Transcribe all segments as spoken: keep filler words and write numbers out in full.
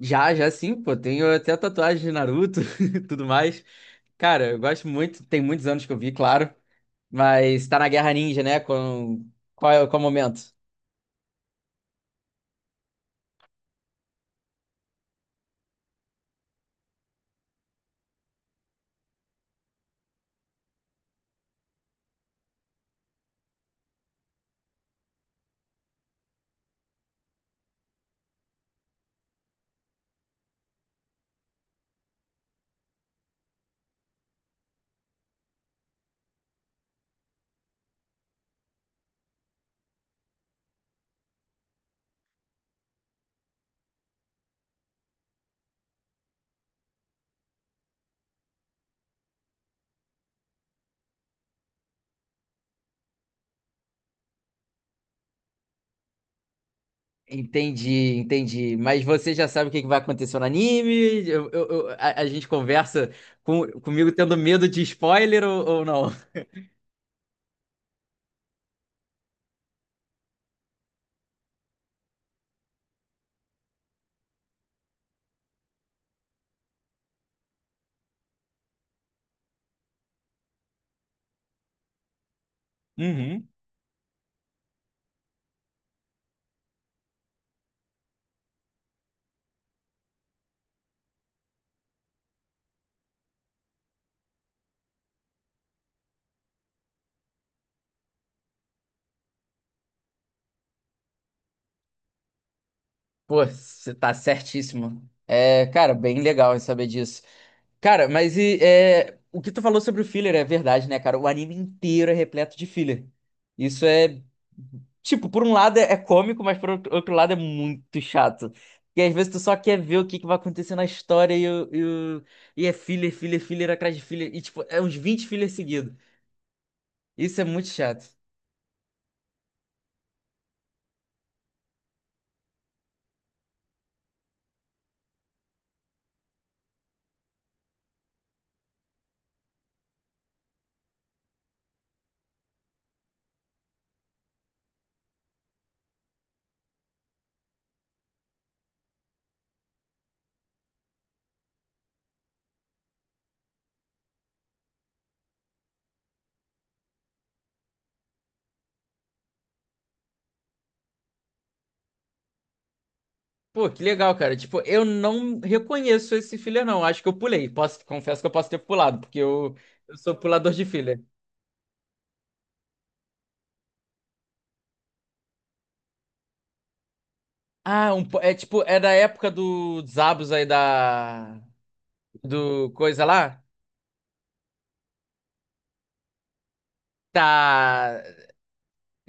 Já, já sim, pô. Tenho até tatuagem de Naruto e tudo mais. Cara, eu gosto muito. Tem muitos anos que eu vi, claro. Mas tá na Guerra Ninja, né? Com... Qual é, qual é o momento? Entendi, entendi. Mas você já sabe o que que vai acontecer no anime? Eu- eu- eu- a, a gente conversa com- comigo tendo medo de spoiler ou, ou não? Uhum. Pô, você tá certíssimo. É, cara, bem legal em saber disso. Cara, mas e, é, o que tu falou sobre o filler é verdade, né, cara? O anime inteiro é repleto de filler. Isso é. Tipo, por um lado é é cômico, mas por outro outro lado é muito chato. Porque às vezes tu só quer ver o que que vai acontecer na história e, o- e, o- e é filler, filler, filler atrás de filler. E, tipo, é uns vinte fillers seguidos. Isso é muito chato. Pô, que legal, cara. Tipo, eu não reconheço esse filler, não. Acho que eu pulei. Posso, confesso que eu posso ter pulado, porque eu, eu sou pulador de filler. Ah, um po- é tipo, é da época do Zabos aí da do coisa lá? Tá.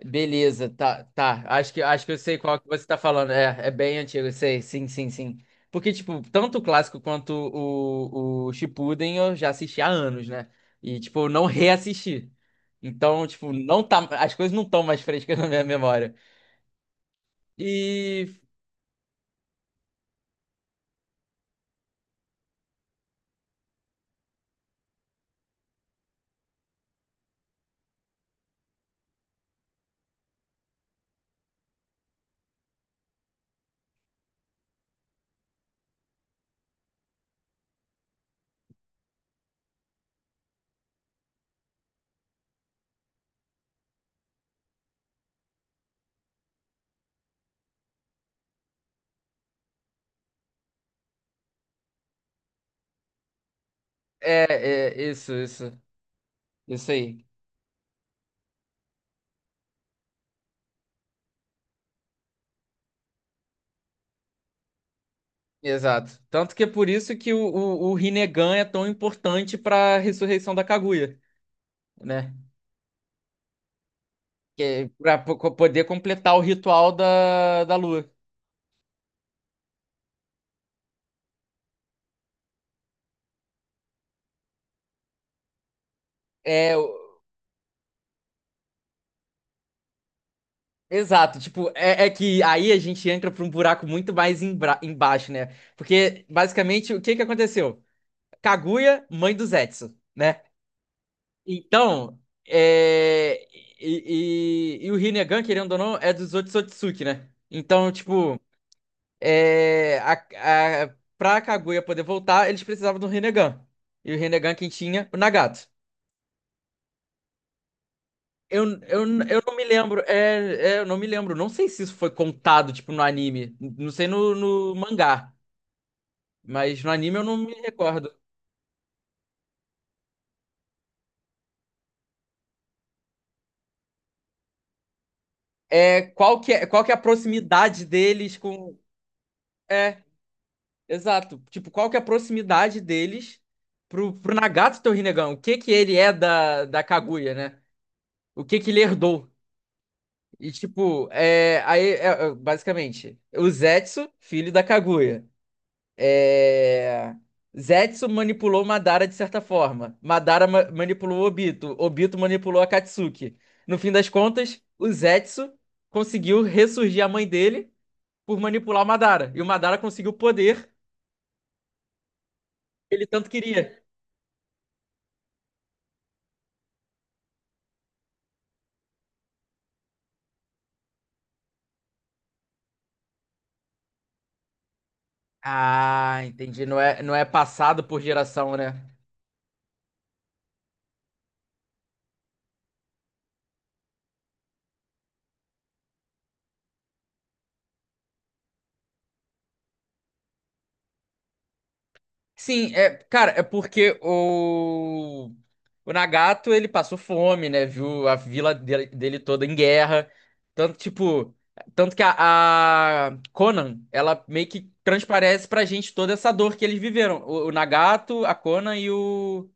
Beleza, tá, tá. Acho que acho que eu sei qual que você tá falando. É, é bem antigo, eu sei. Sim, sim, sim. Porque tipo, tanto o clássico quanto o, o Shippuden eu já assisti há anos, né? E tipo, eu não reassisti. Então, tipo, não tá, as coisas não estão mais frescas na minha memória. E é, é isso, isso. Isso aí. Exato. Tanto que é por isso que o, o, o Rinnegan é tão importante para a ressurreição da Kaguya, né? Que para poder completar o ritual da, da lua. É, o- exato. Tipo, é, é que aí a gente entra para um buraco muito mais embra- embaixo, né? Porque basicamente o que que aconteceu? Kaguya, mãe do Zetsu, né? Então, é, e, e, e o Rinnegan, querendo ou não, é dos Otsutsuki, né? Então, tipo é, a, a, pra Kaguya poder voltar, eles precisavam do Rinnegan. E o Rinnegan quem tinha? O Nagato. Eu, eu, eu não me lembro, é, é, eu não me lembro, não sei se isso foi contado, tipo, no anime, não sei no, no mangá, mas no anime eu não me recordo. É, qual que é, qual que é a proximidade deles com... É, exato, tipo, qual que é a proximidade deles pro, pro Nagato ter o Rinnegan? O que que ele é da, da Kaguya, né? O que que ele herdou? E tipo, é, aí, é, é, basicamente, o Zetsu, filho da Kaguya. É, Zetsu manipulou Madara de certa forma. Madara ma- manipulou Obito. Obito manipulou a Katsuki. No fim das contas, o Zetsu conseguiu ressurgir a mãe dele por manipular o Madara. E o Madara conseguiu o poder que ele tanto queria. Ah, entendi. Não é, não é passado por geração, né? Sim, é, cara, é porque o, o Nagato, ele passou fome, né? Viu a vila dele, dele toda em guerra. Tanto, tipo, tanto que a, a Conan, ela meio que transparece pra gente toda essa dor que eles viveram. O, o Nagato, a Conan e o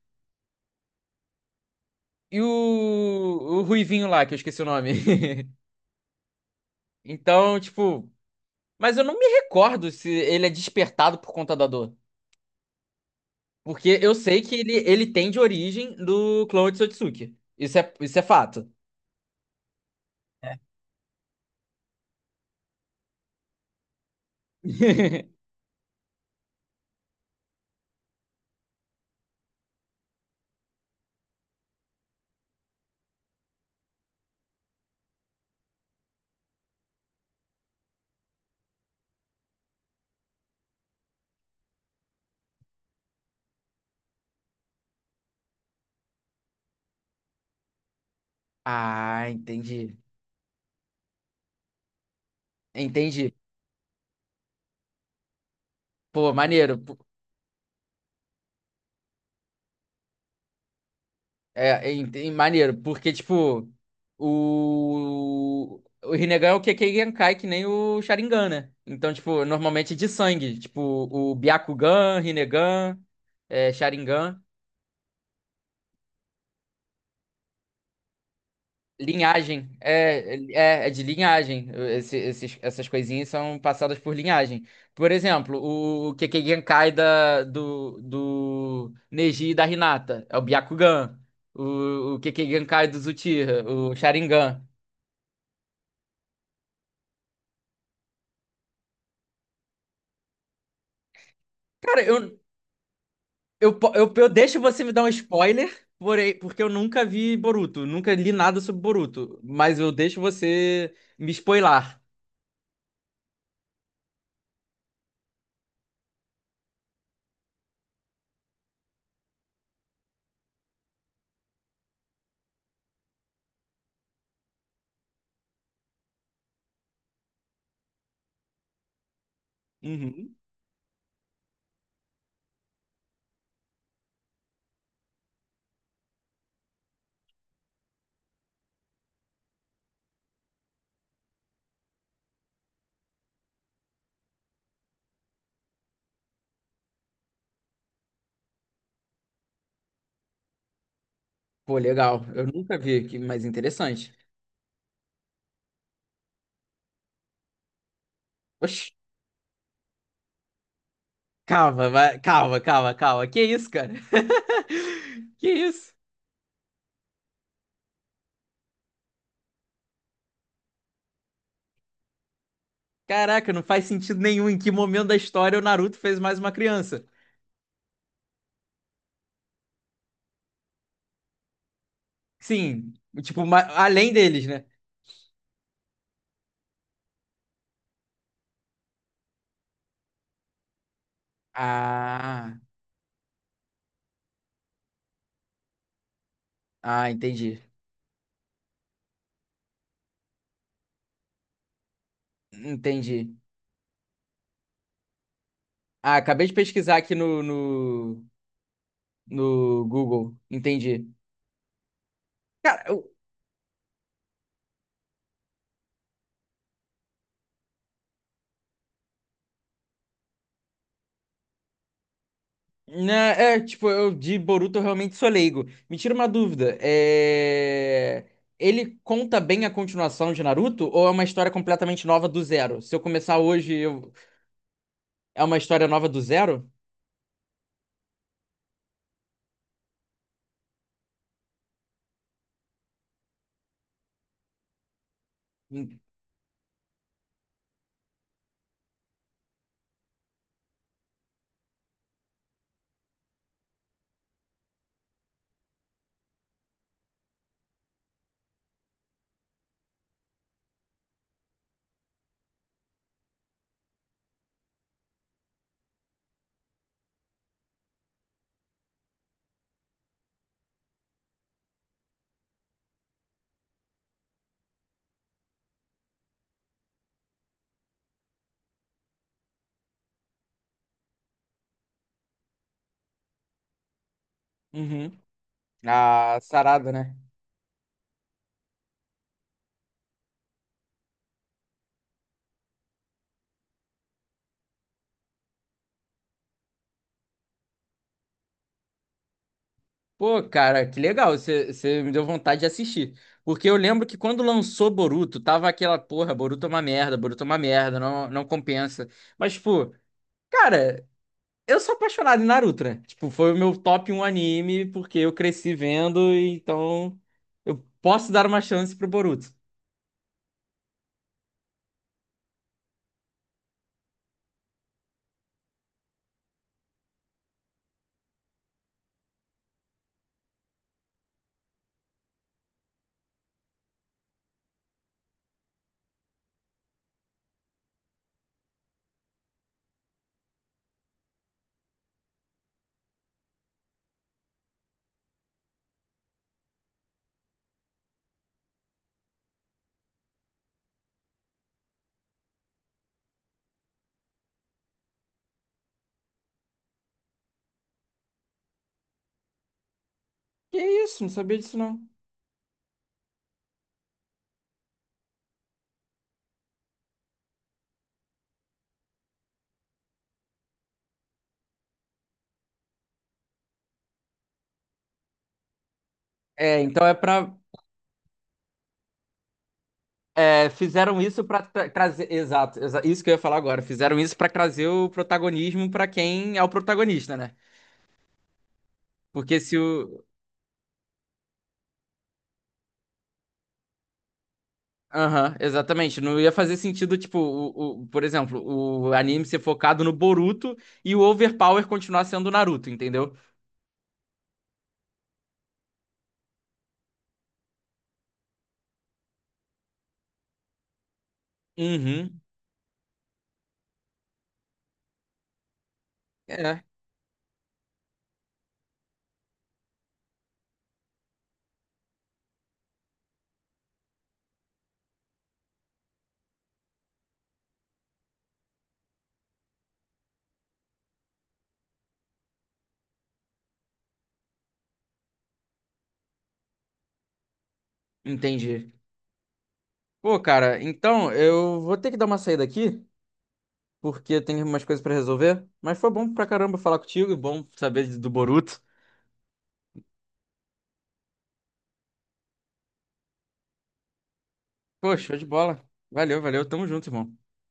e o, o Ruivinho lá, que eu esqueci o nome. Então, tipo, mas eu não me recordo se ele é despertado por conta da dor. Porque eu sei que ele, ele tem de origem do clone de Sotsuki. Isso é, isso é fato. Ah, entendi. Entendi. Pô, maneiro. Pô, é, entendi, maneiro, porque, tipo, o. O Rinnegan é o Kekkei Genkai, que nem o Sharingan, né? Então, tipo, normalmente é de sangue. Tipo, o Byakugan, Rinnegan, é, Sharingan. Linhagem, é, é, é de linhagem. Esse- esses- essas coisinhas são passadas por linhagem. Por exemplo, o Kekkei Genkai da, do, do Neji e da Hinata é o Byakugan. O, o Kekkei Genkai do Uchiha, o Sharingan. Cara, eu, eu, po- eu, eu deixo você me dar um spoiler, porém, porque eu nunca vi Boruto, nunca li nada sobre Boruto, mas eu deixo você me spoilar. Uhum. Pô, legal. Eu nunca vi, que mais interessante. Calma, vai- calma, calma, calma. Que isso, cara? Que isso? Caraca, não faz sentido nenhum em que momento da história o Naruto fez mais uma criança. Sim, tipo, ma- além deles, né? Ah, ah, entendi. Entendi. Ah, acabei de pesquisar aqui no, no, no Google. Entendi. Cara, né, é, tipo, eu de Boruto eu realmente sou leigo. Me tira uma dúvida. É... Ele conta bem a continuação de Naruto ou é uma história completamente nova do zero? Se eu começar hoje, eu- é uma história nova do zero? Hum, Uhum. Ah, sarada, né? Pô, cara, que legal. Você você me deu vontade de assistir. Porque eu lembro que quando lançou Boruto, tava aquela porra, Boruto é uma merda, Boruto é uma merda, não, não compensa. Mas, tipo, cara. Eu sou apaixonado em Naruto, né? Tipo, foi o meu top um anime, porque eu cresci vendo, e então eu posso dar uma chance pro Boruto. Que isso, não sabia disso não. É, então é pra. É, fizeram isso pra tra- trazer. Exato, exa- isso que eu ia falar agora. Fizeram isso pra trazer o protagonismo pra quem é o protagonista, né? Porque se o. Aham, exatamente. Não ia fazer sentido, tipo, o, o- por exemplo, o anime ser focado no Boruto e o Overpower continuar sendo o Naruto, entendeu? Uhum. É. Entendi. Pô, cara, então eu vou ter que dar uma saída aqui, porque eu tenho umas coisas pra resolver. Mas foi bom pra caramba falar contigo, e bom saber do Boruto. Pô, show de bola. Valeu, valeu. Tamo junto, irmão.